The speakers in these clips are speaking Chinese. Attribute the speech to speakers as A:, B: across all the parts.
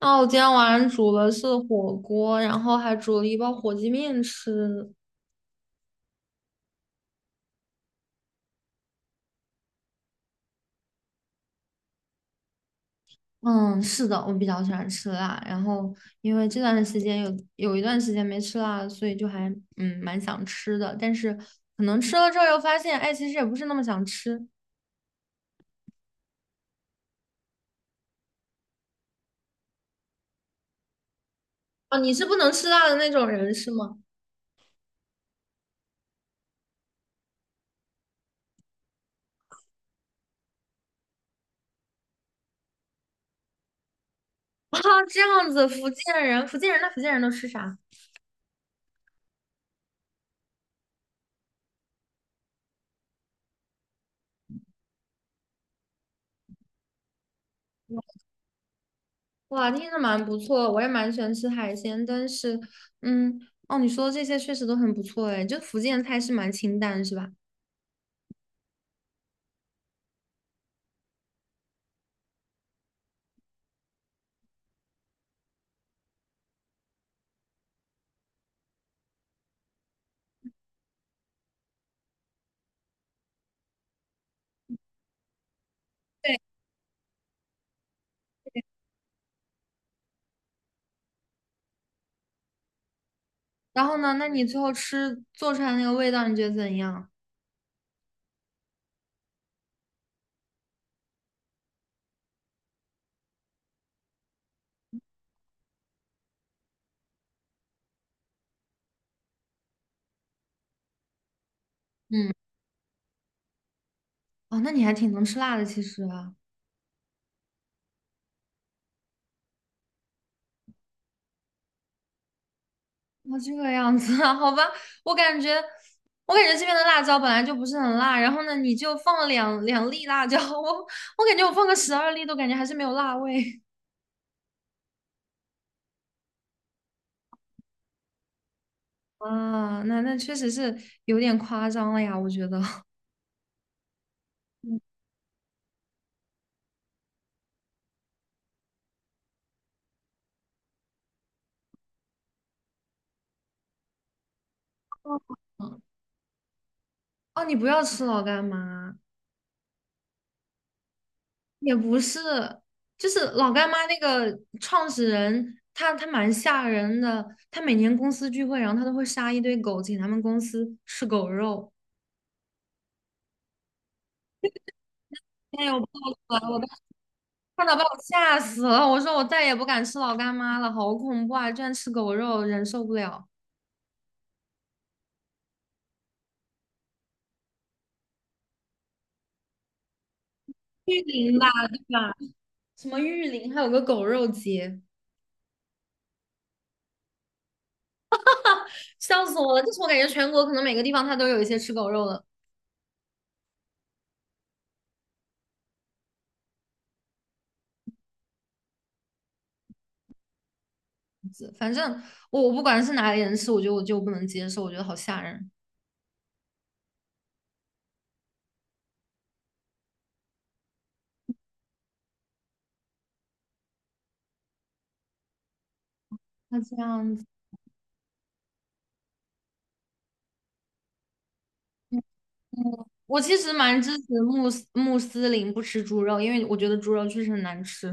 A: 哦，我今天晚上煮了是火锅，然后还煮了一包火鸡面吃。嗯，是的，我比较喜欢吃辣，然后因为这段时间有一段时间没吃辣所以就还蛮想吃的，但是可能吃了之后又发现，哎，其实也不是那么想吃。哦，你是不能吃辣的那种人是吗？啊，这样子，福建人，福建人，那福建人都吃啥？哇，听着蛮不错，我也蛮喜欢吃海鲜，但是，嗯，哦，你说的这些确实都很不错，哎，就福建菜是蛮清淡，是吧？对，然后呢，那你最后吃做出来那个味道，你觉得怎样？嗯，哦，那你还挺能吃辣的，其实啊，哦，这个样子啊，好吧，我感觉，我感觉这边的辣椒本来就不是很辣，然后呢，你就放了两粒辣椒，我感觉我放个十二粒都感觉还是没有辣味 啊，那确实是有点夸张了呀，我觉得。哦，你不要吃老干妈，也不是，就是老干妈那个创始人，他蛮吓人的。他每年公司聚会，然后他都会杀一堆狗，请他们公司吃狗肉。哎呦，我报出来了我当时看到把我吓死了。我说我再也不敢吃老干妈了，好恐怖啊！居然吃狗肉，忍受不了。玉林吧，对吧？什么玉林，还有个狗肉节，笑死我了！就是我感觉全国可能每个地方它都有一些吃狗肉的，反正我不管是哪里人吃，我觉得我就不能接受，我觉得好吓人。那这样子，嗯我其实蛮支持穆斯林不吃猪肉，因为我觉得猪肉确实很难吃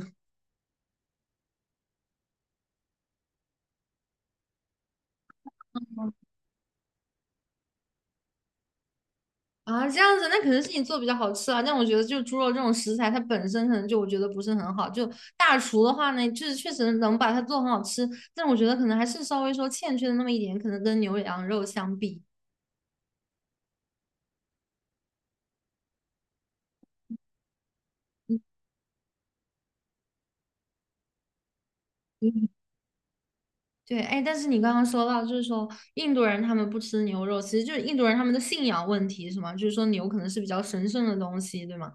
A: 啊。这样子，那可能是你做比较好吃啊。但我觉得就猪肉这种食材，它本身可能就我觉得不是很好。就大厨的话呢，就是确实能把它做很好吃，但我觉得可能还是稍微说欠缺的那么一点，可能跟牛羊肉相比。嗯嗯对，哎，但是你刚刚说到，就是说印度人他们不吃牛肉，其实就是印度人他们的信仰问题，是吗？就是说牛可能是比较神圣的东西，对吗？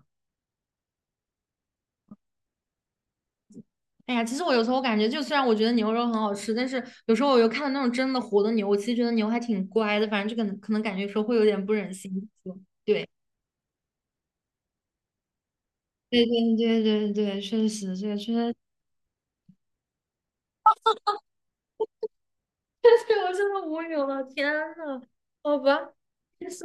A: 哎呀，其实我有时候我感觉，就虽然我觉得牛肉很好吃，但是有时候我又看到那种真的活的牛，我其实觉得牛还挺乖的，反正就可能感觉有时候会有点不忍心说。对，对对对对对，确实，这个确实，对我真的无语了，天呐，好吧，就是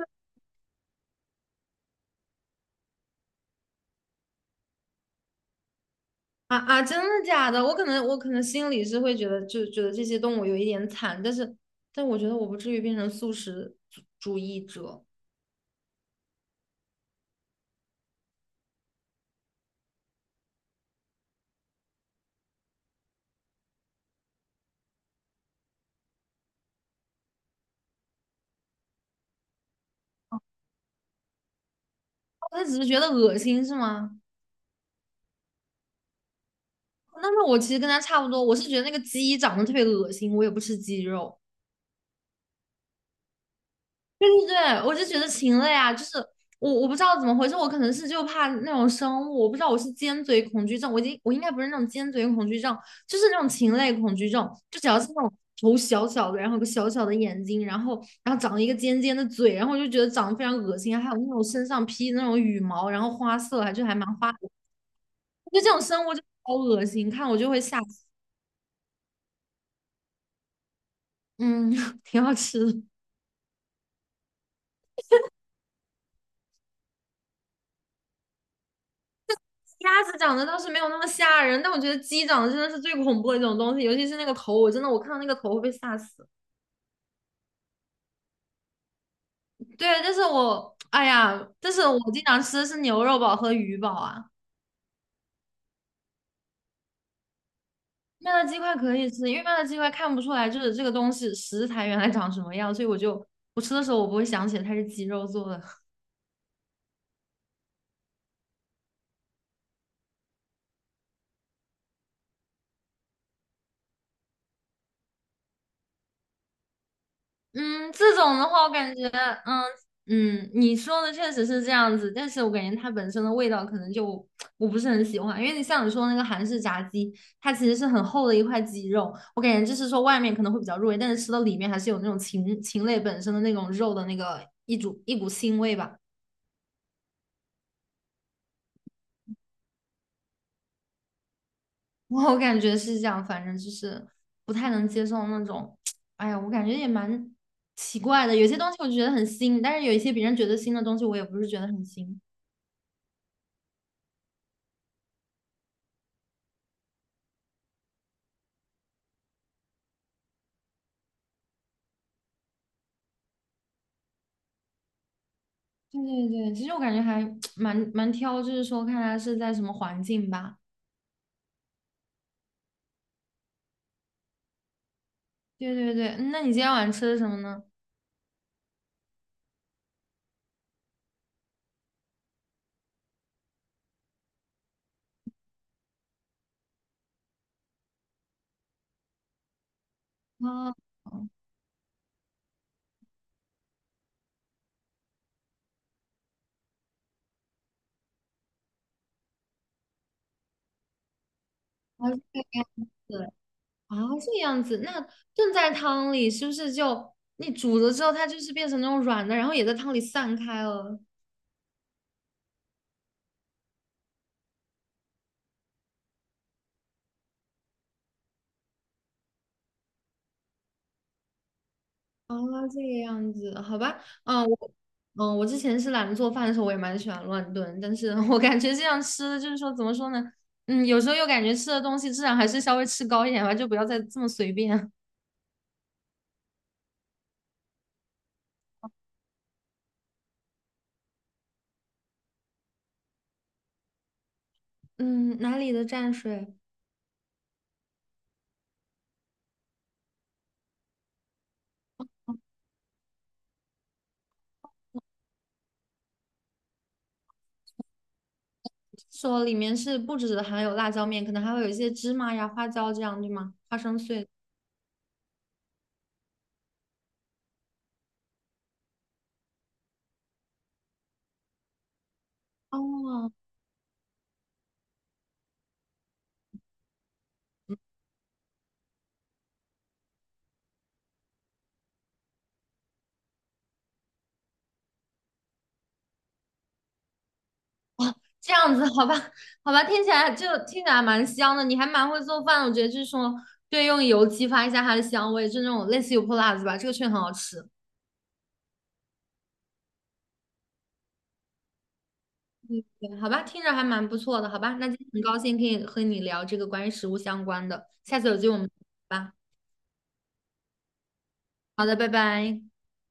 A: 啊，真的假的？我可能心里是会觉得，就觉得这些动物有一点惨，但是但我觉得我不至于变成素食主主义者，我只是觉得恶心，是吗？但是我其实跟他差不多，我是觉得那个鸡长得特别恶心，我也不吃鸡肉。对对对，我就觉得禽类啊，就是我不知道怎么回事，我可能是就怕那种生物，我不知道我是尖嘴恐惧症，我已经我应该不是那种尖嘴恐惧症，就是那种禽类恐惧症，就只要是那种头小小的，然后有个小小的眼睛，然后长了一个尖尖的嘴，然后我就觉得长得非常恶心，还有那种身上披那种羽毛，然后花色还就还蛮花的，得这种生物就好恶心，看我就会吓死嗯，挺好吃的。鸭子长得倒是没有那么吓人，但我觉得鸡长得真的是最恐怖的一种东西，尤其是那个头，我真的我看到那个头会被吓死。对，但是我哎呀，但是我经常吃的是牛肉堡和鱼堡啊。麦乐鸡块可以吃，因为麦乐鸡块看不出来就是这个东西食材原来长什么样，所以我就我吃的时候我不会想起来它是鸡肉做的。嗯，这种的话，我感觉，嗯你说的确实是这样子，但是我感觉它本身的味道可能就我不是很喜欢，因为你像你说那个韩式炸鸡，它其实是很厚的一块鸡肉，我感觉就是说外面可能会比较入味，但是吃到里面还是有那种禽类本身的那种肉的那个一股腥味吧，我感觉是这样，反正就是不太能接受那种，哎呀，我感觉也蛮奇怪的，有些东西我觉得很腥，但是有一些别人觉得腥的东西，我也不是觉得很腥。对对对，其实我感觉还 蛮挑，就是说看他是在什么环境吧。对对对，嗯那你今天晚上吃的什么呢？啊，哦啊这样子啊，这样子，那炖在汤里是不是就你煮了之后，它就是变成那种软的，然后也在汤里散开了？啊，这个样子，好吧，嗯，我嗯，我之前是懒得做饭的时候，我也蛮喜欢乱炖，但是 我感觉这样吃的就是说怎么说呢？嗯，有时候又感觉吃的东西质量还是稍微吃高一点吧，就不要再这么随便。嗯，哪里的蘸水？说里面是不只含有辣椒面，可能还会有一些芝麻呀、花椒这样，对吗？花生碎。哦，这样子，好吧，好吧，听起来蛮香的，你还蛮会做饭的我觉得就是说，对，用油激发一下它的香味，就那种类似油泼辣子吧，这个确实很好吃。对，好吧，听着还蛮不错的，好吧，那今天很高兴可以和你聊这个关于食物相关的，下次有机会我们再聊吧。好的，拜拜。